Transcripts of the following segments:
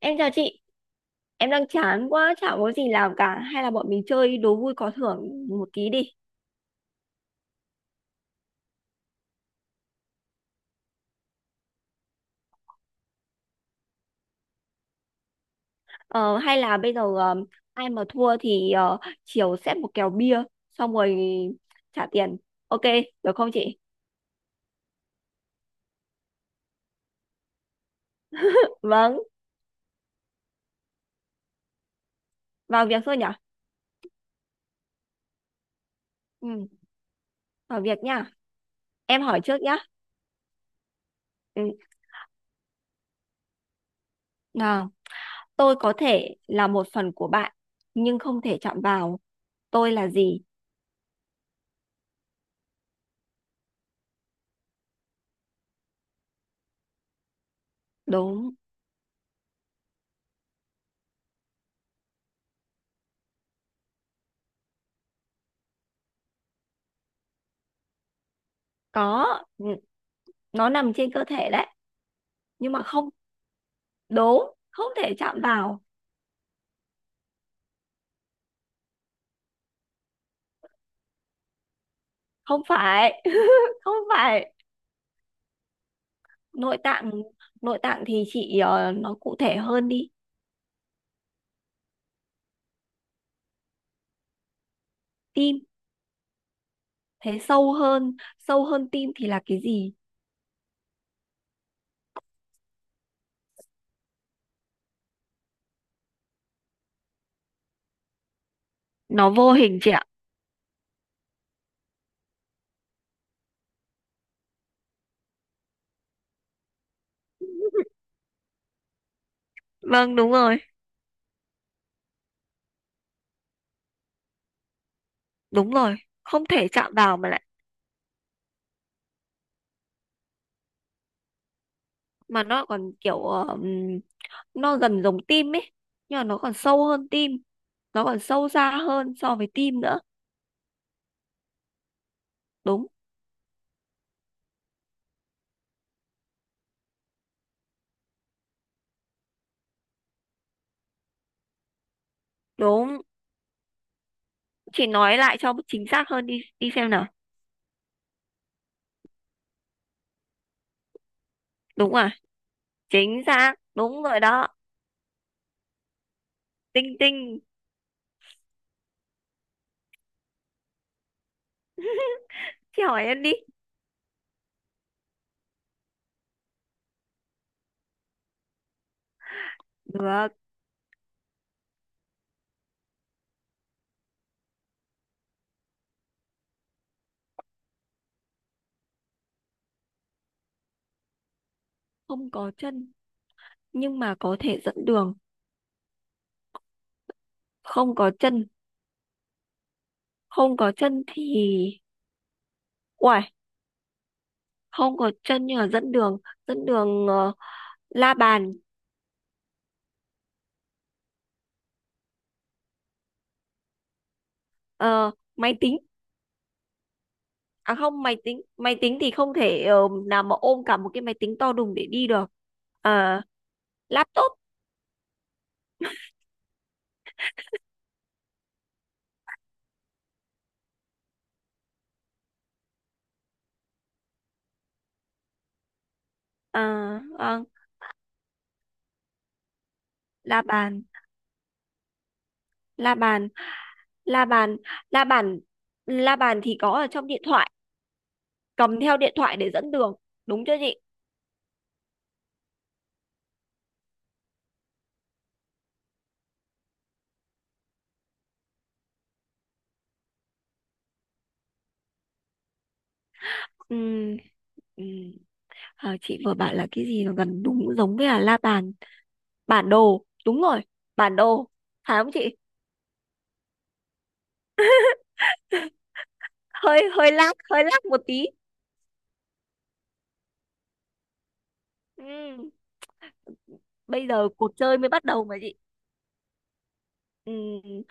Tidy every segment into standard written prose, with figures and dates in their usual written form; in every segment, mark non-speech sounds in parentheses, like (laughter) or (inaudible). Em chào chị, em đang chán quá, chả có gì làm cả. Hay là bọn mình chơi đố vui có thưởng một tí đi. Ờ, hay là bây giờ ai mà thua thì chiều xếp một kèo bia, xong rồi trả tiền. Ok, được không chị? Vâng, vào việc thôi nhở? Ừ, vào việc nhá. Em hỏi trước nhá. Ừ. Nào, tôi có thể là một phần của bạn, nhưng không thể chạm vào. Tôi là gì? Đúng, có. Ừ. Nó nằm trên cơ thể đấy, nhưng mà không, đúng, không thể chạm vào. Không phải. (laughs) Không phải nội tạng. Nội tạng thì chị nói cụ thể hơn đi. Tim, thế sâu hơn tim thì là cái gì? Nó vô hình chị ạ. Vâng đúng rồi, đúng rồi, không thể chạm vào mà lại, mà nó còn kiểu nó gần giống tim ấy, nhưng mà nó còn sâu hơn tim, nó còn sâu xa hơn so với tim nữa. Đúng. Đúng, chị nói lại cho chính xác hơn đi đi xem nào. Đúng à, chính xác đúng rồi đó. Tinh tinh. Chị hỏi em đi. Được, không có chân nhưng mà có thể dẫn đường. Không có chân, không có chân thì, uầy, không có chân nhưng mà dẫn đường la bàn, ờ, máy tính. À không, máy tính thì không thể, nào mà ôm cả một cái máy tính to đùng để đi được. Ờ, laptop, ờ, vâng, la bàn, la bàn, la bàn, la bàn, la bàn thì có ở trong điện thoại, cầm theo điện thoại để dẫn đường, đúng chưa chị? Ừ. Ừ. Ờ, chị vừa bảo là cái gì mà gần đúng giống với là la bàn, bản đồ đúng rồi, bản đồ phải không chị? Hơi hơi lag một tí. Ừ. Bây giờ cuộc chơi mới bắt đầu mà chị. Ừ.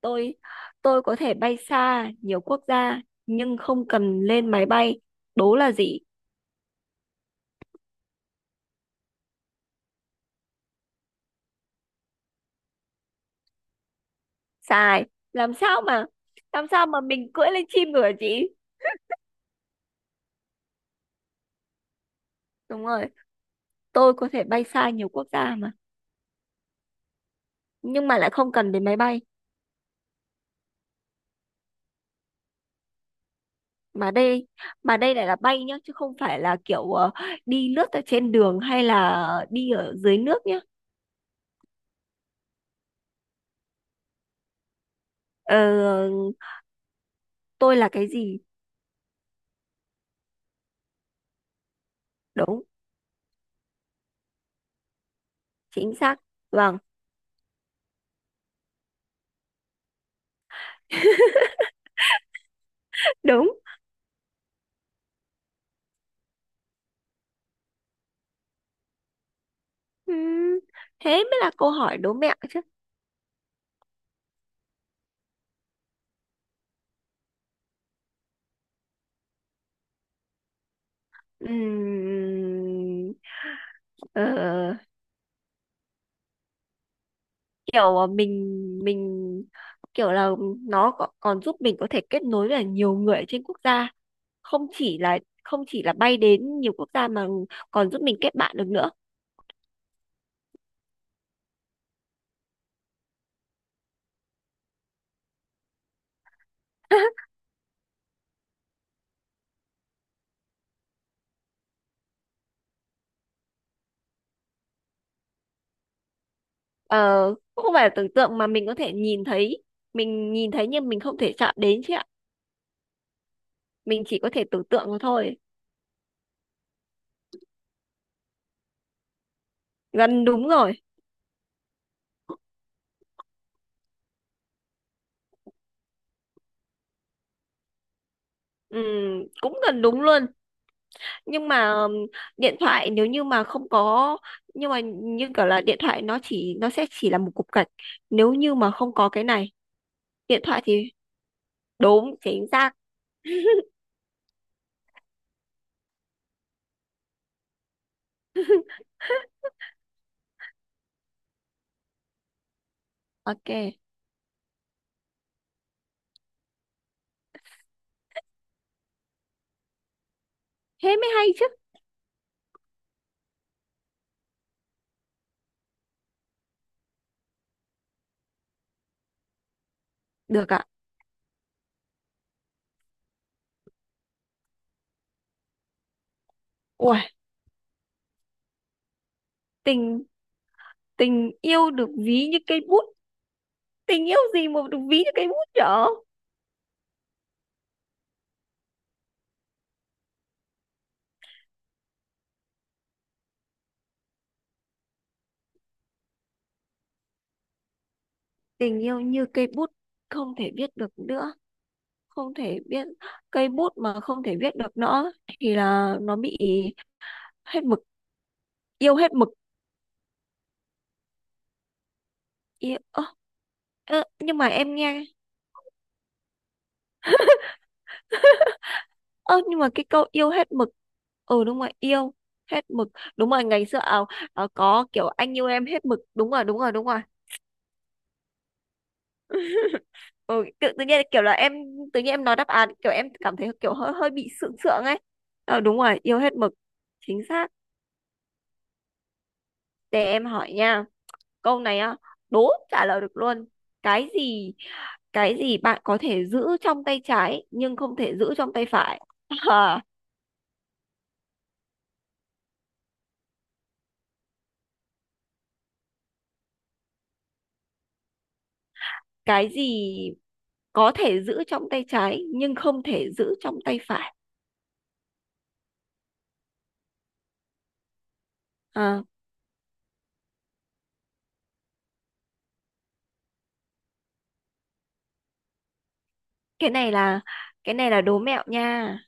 tôi tôi có thể bay xa nhiều quốc gia nhưng không cần lên máy bay, đố là gì? Sai. Làm sao mà, làm sao mà mình cưỡi lên chim được hả chị? Đúng rồi, tôi có thể bay xa nhiều quốc gia mà, nhưng mà lại không cần đến máy bay. Mà đây, mà đây lại là bay nhá chứ không phải là kiểu đi lướt ở trên đường hay là đi ở dưới nước nhá. ờ, tôi là cái gì? Đúng, chính xác, vâng. (laughs) Đúng. Ừm, thế mới là câu hỏi đố mẹo chứ. Ừm, ờ, kiểu mình kiểu là nó có- còn giúp mình có thể kết nối với nhiều người ở trên quốc gia, không chỉ là, không chỉ là bay đến nhiều quốc gia mà còn giúp mình kết bạn được nữa. (laughs) Ờ, cũng không phải là tưởng tượng mà mình có thể nhìn thấy, mình nhìn thấy nhưng mình không thể chạm đến chị ạ, mình chỉ có thể tưởng tượng mà thôi. Gần đúng rồi. Ừ, cũng gần đúng luôn nhưng mà, điện thoại nếu như mà không có, nhưng mà như kiểu là điện thoại nó chỉ, nó sẽ chỉ là một cục gạch nếu như mà không có cái này. Điện thoại thì, đúng chính xác. Ok, thế mới hay chứ. Được ạ. Ui, tình, tình yêu được ví như cây bút, tình yêu gì mà được ví như cây bút nhở? Tình yêu như cây bút không thể viết được nữa, không thể biết, cây bút mà không thể viết được nữa thì là nó bị hết mực, yêu hết mực. Yêu, ơ, ơ, nhưng mà em nghe, ơ nhưng mà cái câu yêu hết mực, ừ đúng rồi, yêu hết mực, đúng rồi ngày xưa à, à, có kiểu anh yêu em hết mực, đúng rồi đúng rồi đúng rồi. (laughs) Ừ, tự, tự nhiên kiểu là em, tự nhiên em nói đáp án kiểu em cảm thấy kiểu hơi hơi bị sượng sượng ấy. Ờ đúng rồi, yêu hết mực, chính xác. Để em hỏi nha. Câu này á, đố trả lời được luôn. Cái gì, cái gì bạn có thể giữ trong tay trái nhưng không thể giữ trong tay phải? (laughs) À, cái gì có thể giữ trong tay trái nhưng không thể giữ trong tay phải? À, cái này là, cái này là đố mẹo nha.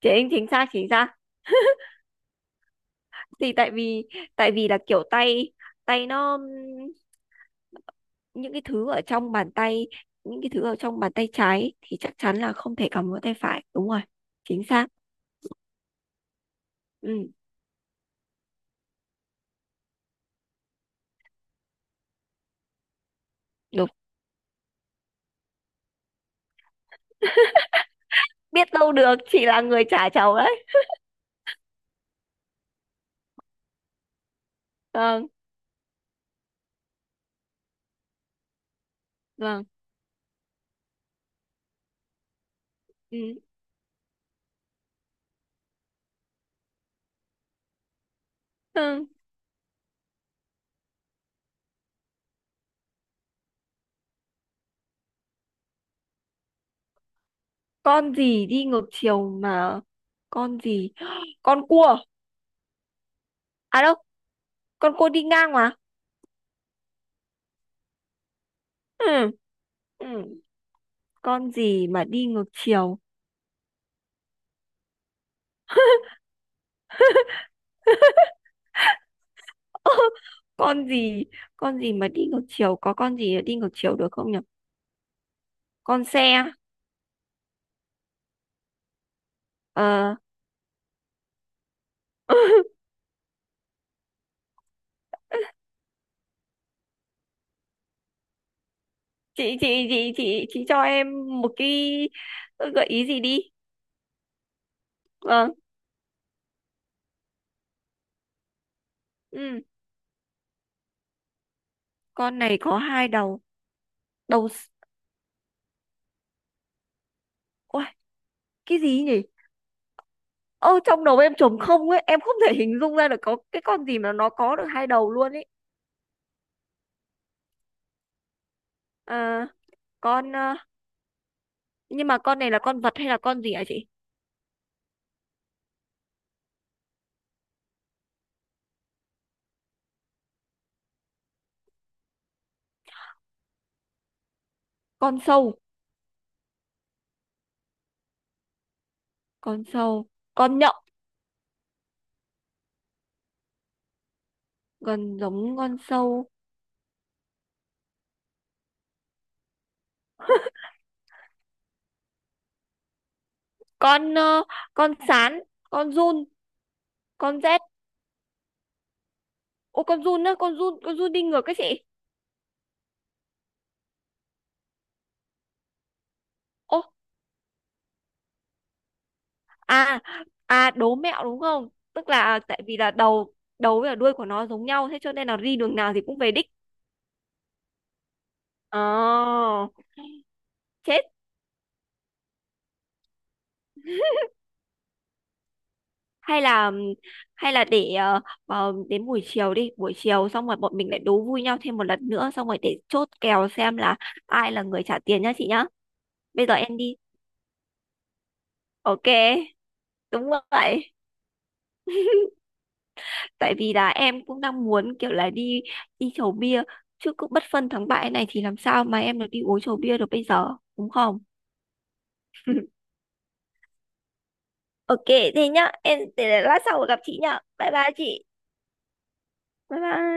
Chính, chính xác chính xác. Thì tại vì, tại vì là kiểu tay, tay nó, những cái thứ ở trong bàn tay, những cái thứ ở trong bàn tay trái thì chắc chắn là không thể cầm vào tay phải. Đúng rồi. Chính xác. Ừ, đúng. Biết đâu được chị là người trả cháu đấy. Vâng. Vâng. Ừ. Ừ. Con gì đi ngược chiều mà, con gì, (gasps) con cua. À đâu, con cua đi ngang mà. Ừ. Ừ. Con gì mà đi ngược chiều? (laughs) Con gì, con gì mà đi ngược chiều, có con gì mà đi ngược chiều được không nhỉ? Con xe. Ờ. (laughs) Chị cho em một cái gợi ý gì đi. Vâng. Ừ. Con này có hai đầu, đầu s-, ôi, cái gì nhỉ? Ơ trong đầu em trống không ấy, em không thể hình dung ra được có cái con gì mà nó có được hai đầu luôn ấy. À, con nhưng mà con này là con vật hay là con gì hả chị? Con sâu. Con sâu. Con nhộng. Gần giống con sâu. Con con sán, con giun, con rết. Ô con giun á, con giun, con giun đi ngược cái chị. Ô. À, à đố mẹo đúng không, tức là tại vì là đầu, đầu với cả đuôi của nó giống nhau thế cho nên là đi đường nào thì cũng về đích. Ờ. Chết. Hay là, hay là để đến buổi chiều đi, buổi chiều xong rồi bọn mình lại đố vui nhau thêm một lần nữa xong rồi để chốt kèo xem là ai là người trả tiền nhá chị nhá. Bây giờ em đi. Ok. Đúng vậy. Tại vì là em cũng đang muốn kiểu là đi, đi chầu bia, chứ cũng bất phân thắng bại này thì làm sao mà em được đi uống chầu bia được bây giờ, đúng không? Ok. Thế nhá, em để lát sau gặp chị nhá, bye bye chị. Bye bye.